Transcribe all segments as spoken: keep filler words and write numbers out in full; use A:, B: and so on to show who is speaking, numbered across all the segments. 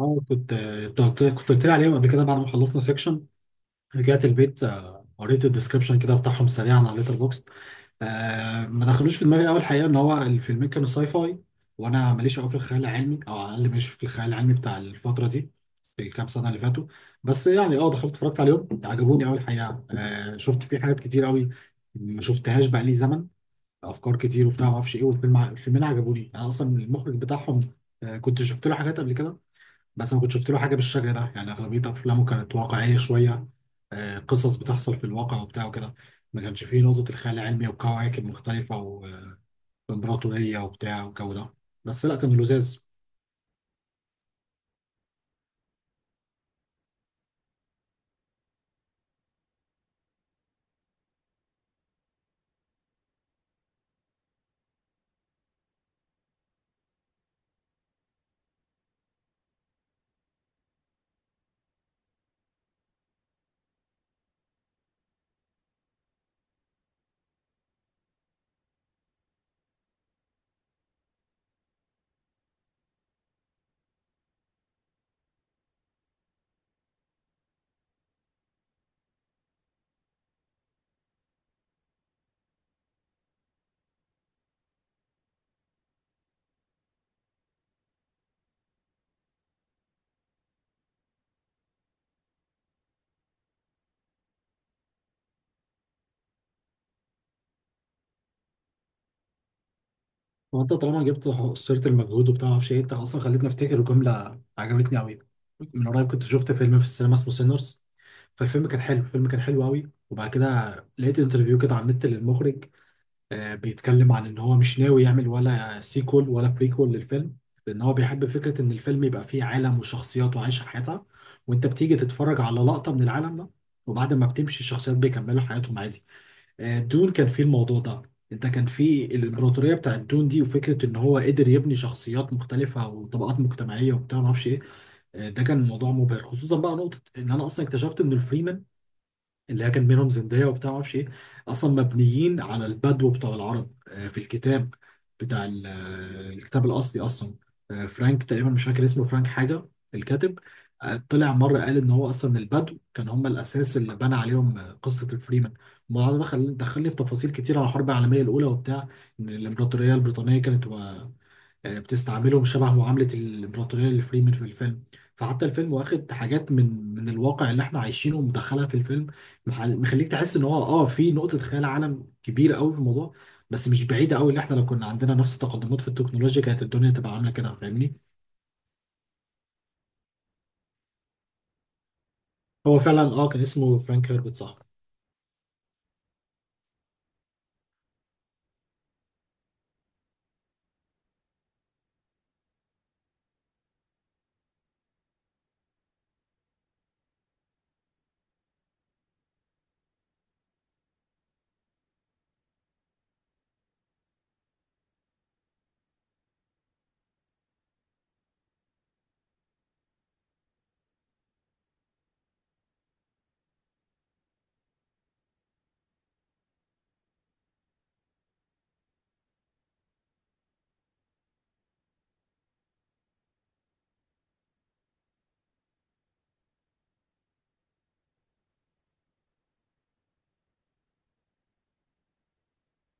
A: اه، كنت كنت قلت كنت قلت لي عليهم قبل كده بعد ما خلصنا سيكشن. رجعت البيت، آه، قريت الديسكربشن كده بتاعهم سريعا على ليتر بوكس. آه ما دخلوش في دماغي اول، حقيقه ان هو الفيلمين كانوا ساي فاي، وانا ماليش قوي في الخيال العلمي، او على الاقل ماليش في الخيال العلمي بتاع الفتره دي، في الكام سنه اللي فاتوا. بس يعني اه دخلت اتفرجت عليهم، عجبوني قوي الحقيقه. آه شفت فيه حاجات كتير قوي ما شفتهاش بقى لي زمن، افكار كتير وبتاع ما اعرفش ايه. والفيلم الفيلمين عجبوني، انا اصلا المخرج بتاعهم آه، كنت شفت له حاجات قبل كده، بس ما كنت شفت له حاجه بالشكل ده. يعني اغلبيه افلامه كانت واقعيه شويه، آه، قصص بتحصل في الواقع وبتاع وكده، ما كانش فيه نقطه الخيال العلمي وكواكب مختلفه وامبراطوريه وبتاع والجو ده. بس لا، كان لذاذ. وانت طالما جبت ح- سيره المجهود وبتاع ما اعرفش ايه، انت اصلا خليتني افتكر جمله عجبتني قوي. من قريب كنت شفت فيلم في السينما اسمه سينرز، فالفيلم كان حلو، الفيلم كان حلو قوي. وبعد كده لقيت انترفيو كده على النت للمخرج، آه، بيتكلم عن ان هو مش ناوي يعمل ولا سيكول ولا بريكول للفيلم، لان هو بيحب فكرة ان الفيلم يبقى فيه عالم وشخصيات وعايشة حياتها، وانت بتيجي تتفرج على لقطة من العالم ده، وبعد ما بتمشي الشخصيات بيكملوا حياتهم عادي. آه، دون كان فيه الموضوع ده، انت كان فيه الامبراطورية بتاعت دون دي، وفكرة ان هو قدر يبني شخصيات مختلفة وطبقات مجتمعية وبتاع ما اعرفش ايه. آه، ده كان موضوع مبهر، خصوصا بقى نقطة ان انا اصلا اكتشفت ان الفريمان اللي هي كان بينهم زندية وبتاع معرفش ايه، اصلا مبنيين على البدو بتاع العرب. آه، في الكتاب بتاع ال- آه، الكتاب الاصلي اصلا، آه، فرانك تقريبا، مش فاكر اسمه، فرانك حاجة، الكاتب آه، طلع مرة قال ان هو اصلا البدو كان هم الاساس اللي بنى عليهم آه، قصة الفريمان. الموضوع ده دخل دخلني في تفاصيل كتير على الحرب العالمية الاولى وبتاع، ان الامبراطورية البريطانية كانت آه، بتستعملهم شبه معاملة الإمبراطورية لفريمن في الفيلم. فحتى الفيلم واخد حاجات من من الواقع اللي احنا عايشينه ومدخلها في الفيلم، مح- مخليك تحس ان هو اه في نقطة خيال عالم كبيرة قوي في الموضوع، بس مش بعيدة قوي، اللي احنا لو كنا عندنا نفس التقدمات في التكنولوجيا كانت الدنيا تبقى عاملة كده، فاهمني؟ هو فعلا اه كان اسمه فرانك هيربت صح؟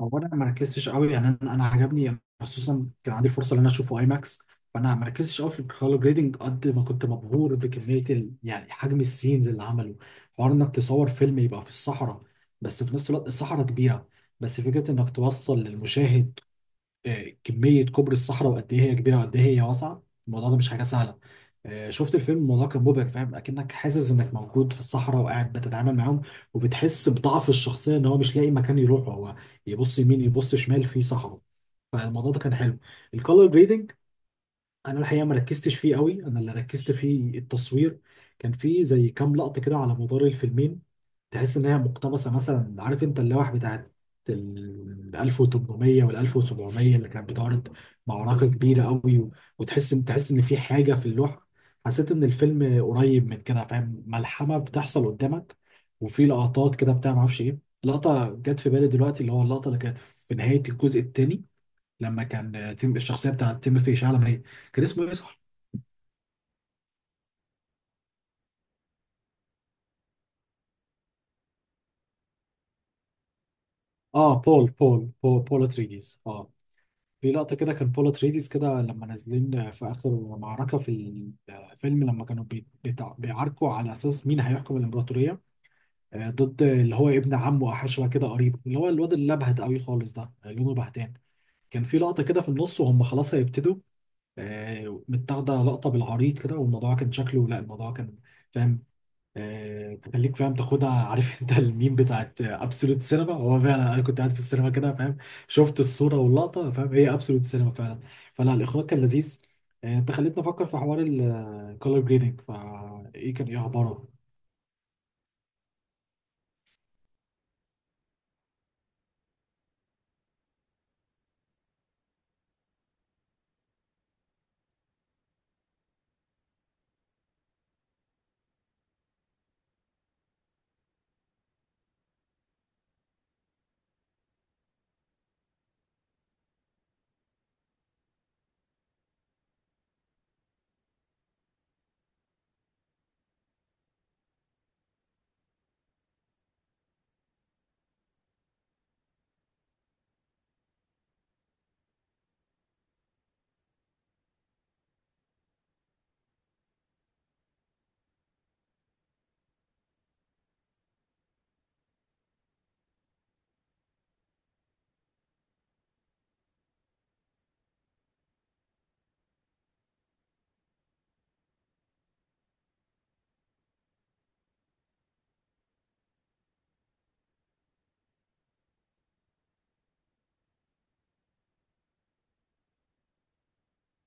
A: هو انا ما ركزتش قوي، يعني انا انا عجبني، يعني خصوصا كان عندي الفرصه ان انا اشوفه اي ماكس، فانا ما ركزتش قوي في الكولر جريدنج قد ما كنت مبهور بكميه ال... يعني حجم السينز اللي عمله. حوار انك تصور فيلم يبقى في الصحراء، بس في نفس الوقت الصحراء كبيره، بس فكره انك توصل للمشاهد آه، كمية كوبري الصحراء وقد إيه هي كبيرة وقد إيه هي واسعة، الموضوع ده مش حاجة سهلة. آه، شفت الفيلم، الموضوع كان مبهر، فاهم أكنك حاسس إنك موجود في الصحراء وقاعد بتتعامل معاهم، وبتحس بضعف الشخصية إن هو مش لاقي مكان يروحه، هو يبص يمين يبص شمال في صحراء. فالموضوع ده كان حلو. الكولر جريدنج انا الحقيقه ما ركزتش فيه قوي، انا اللي ركزت فيه التصوير. كان فيه زي كام لقطه كده على مدار الفيلمين تحس ان هي مقتبسه، مثلا عارف انت اللوح بتاعت ال ألف وتمنمية وال ألف وسبعمية اللي كانت بتعرض معركه كبيره قوي، و- وتحس ان تحس ان في حاجه في اللوح، حسيت ان الفيلم قريب من كده، فاهم، ملحمه بتحصل قدامك. وفي لقطات كده بتاع ما اعرفش ايه، لقطه جت في بالي دلوقتي، اللي هو اللقطه اللي كانت في نهايه الجزء الثاني لما كان تيم الشخصيه بتاعت تيموثي شالامي هي، كان اسمه ايه صح؟ اه، بول بول بول بول اتريديز، اه. في لقطه كده كان بول اتريديز كده لما نازلين في اخر معركه في الفيلم، لما كانوا بي- بيتع- بيعاركوا على اساس مين هيحكم الامبراطوريه، آه، ضد اللي هو ابن عمه، احشوه كده قريب، اللي هو الواد اللي لبهت قوي خالص ده، آه، لونه بهتان. كان في لقطه كده في النص وهم خلاص هيبتدوا، آه، متاخده لقطه بالعريض كده، والموضوع كان شكله، لا الموضوع كان فاهم، آه، تخليك فاهم تاخدها. عارف انت الميم بتاعت ابسولوت سينما، هو فعلا انا كنت قاعد في السينما كده فاهم، شفت الصوره واللقطه، فاهم هي ابسولوت سينما فعلا. فلا، الاخراج كان لذيذ. آه، انت خليتني افكر في حوار الكولر جريدنج، فايه كان ايه اخباره؟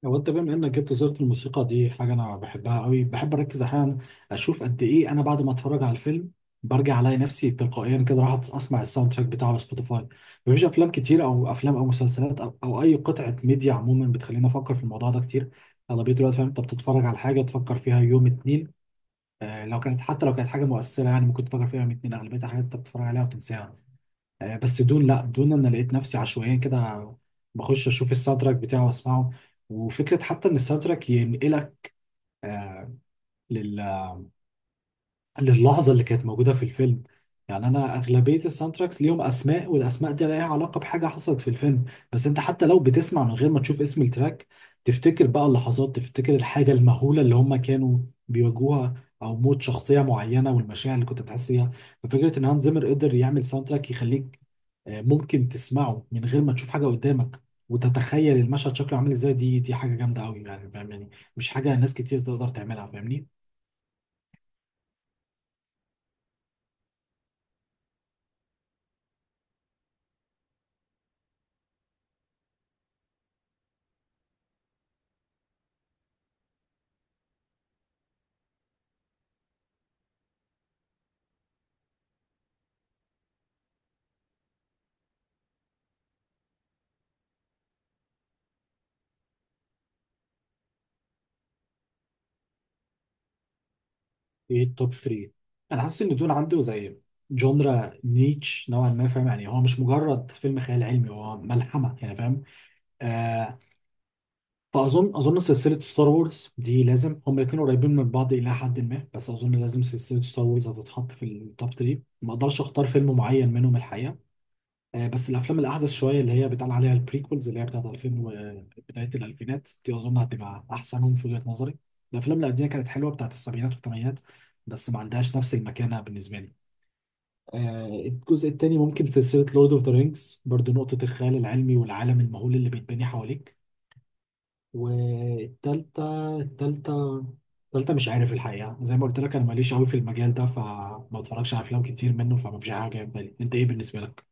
A: هو انت بما انك جبت سيره الموسيقى دي، حاجه انا بحبها قوي، بحب اركز احيانا اشوف قد ايه انا بعد ما اتفرج على الفيلم برجع الاقي نفسي تلقائيا كده راح اسمع الساوند تراك بتاعه على سبوتيفاي. مفيش افلام كتير، او افلام او مسلسلات او, أو اي قطعه ميديا عموما بتخليني افكر في الموضوع ده كتير. اغلبيه الوقت فاهم انت بتتفرج على حاجه تفكر فيها يوم اتنين، آه لو كانت، حتى لو كانت حاجه مؤثره يعني ممكن تفكر فيها يوم اتنين، اغلبيه الحاجات انت بتتفرج عليها وتنساها. آه، بس دون لا، دون انا لقيت نفسي عشوائيا كده بخش اشوف الساوند تراك بتاعه واسمعه. وفكره حتى ان الساوند تراك ينقلك للحظة اللي كانت موجودة في الفيلم. يعني أنا أغلبية الساوند تراكس ليهم أسماء، والأسماء دي لها علاقة بحاجة حصلت في الفيلم، بس أنت حتى لو بتسمع من غير ما تشوف اسم التراك تفتكر بقى اللحظات، تفتكر الحاجة المهولة اللي هم كانوا بيواجهوها، أو موت شخصية معينة والمشاعر اللي كنت بتحس بيها. ففكرة إن هانز زيمر قدر يعمل ساوند تراك يخليك آه، ممكن تسمعه من غير ما تشوف حاجة قدامك وتتخيل المشهد شكله عامل ازاي، دي دي حاجة جامدة قوي يعني، فاهم يعني مش حاجة ناس كتير تقدر تعملها، فاهمني؟ ايه التوب تلاتة؟ انا حاسس ان دول عنده زي جونرا نيتش نوعا ما، فاهم يعني هو مش مجرد فيلم خيال علمي، هو ملحمه يعني، فاهم؟ آه فاظن، اظن سلسله ستار وورز دي لازم، هما الاثنين قريبين من بعض الى حد ما، بس اظن لازم سلسله ستار وورز هتتحط في التوب ثلاثة. ما اقدرش اختار فيلم معين منهم الحقيقه. آه، بس الافلام الاحدث شويه اللي هي بيتقال عليها البريكولز اللي هي بتاعت ألفين وبدايه الالفينات دي اظن هتبقى احسنهم في وجهه نظري. الافلام القديمه كانت حلوه، بتاعت السبعينات والثمانينات، بس ما عندهاش نفس المكانه بالنسبه لي. آه، الجزء الثاني ممكن سلسله لورد اوف ذا رينجز برضو، نقطه الخيال العلمي والعالم المهول اللي بيتبني حواليك. والتالتة، التالتة التالتة مش عارف الحقيقه، زي ما قلت لك انا ماليش قوي في المجال ده، فما اتفرجش على افلام كتير منه، فما فيش حاجه جاية في بالي. انت ايه بالنسبه لك؟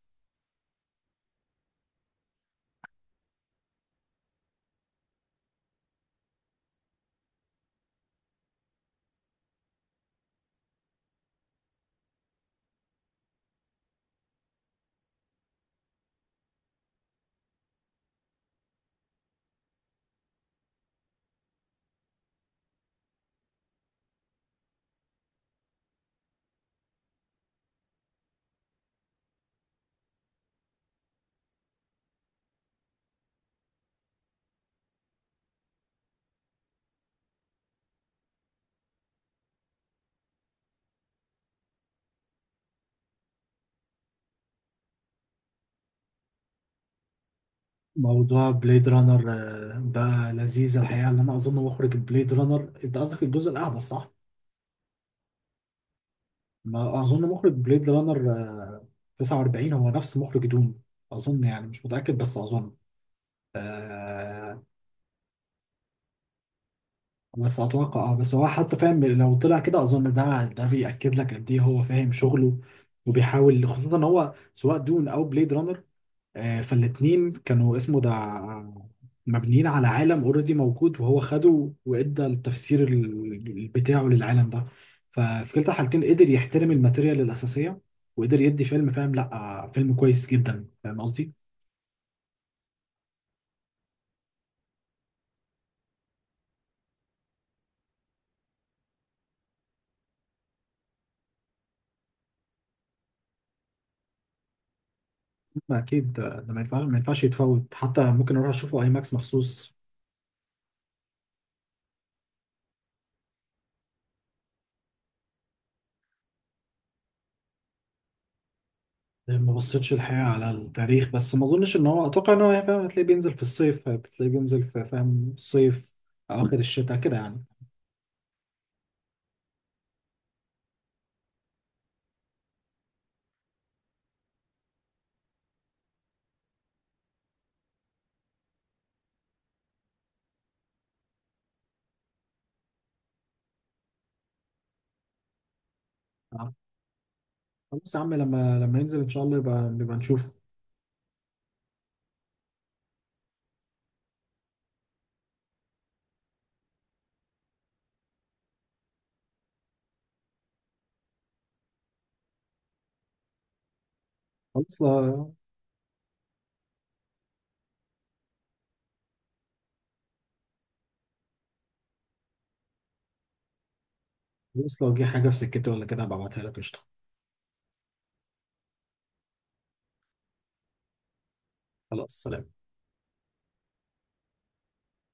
A: موضوع بليد رانر آه، بقى لذيذ الحقيقه. اللي انا اظن مخرج بليد رانر، انت قصدك الجزء الاحدث صح؟ ما اظن مخرج بليد رانر آه، تسعة وأربعين هو نفس مخرج دوم، اظن يعني، مش متاكد بس اظن. آه بس اتوقع، اه بس هو حتى فاهم، لو طلع كده اظن ده ده بياكد لك قد ايه هو فاهم شغله وبيحاول، خصوصا ان هو سواء دون او بليد رانر آه، فالاتنين كانوا اسمه ده مبنيين على عالم اوريدي موجود، وهو خده وادى التفسير ال- بتاعه للعالم ده. ففي كلتا الحالتين قدر يحترم الماتيريال الاساسيه وقدر يدي فيلم فاهم، لا آه، فيلم كويس جدا، فاهم قصدي؟ لا، اكيد آه، ده ما ينفعش، ما ينفعش يتفوت، حتى ممكن اروح اشوفه اي ماكس مخصوص. ما بصيتش الحقيقه على التاريخ، بس ما اظنش ان هو، اتوقع ان هو فاهم هتلاقيه بينزل في الصيف، هتلاقيه بينزل في فاهم الصيف، اواخر الشتاء كده يعني. خلاص يا عم، لما لما ينزل ان شاء الله يبقى نبقى نشوفه. خلاص لو خلاص، لو جه حاجه في سكتي ولا كده هبقى ابعتها لك، قشطه. خلاص، سلام.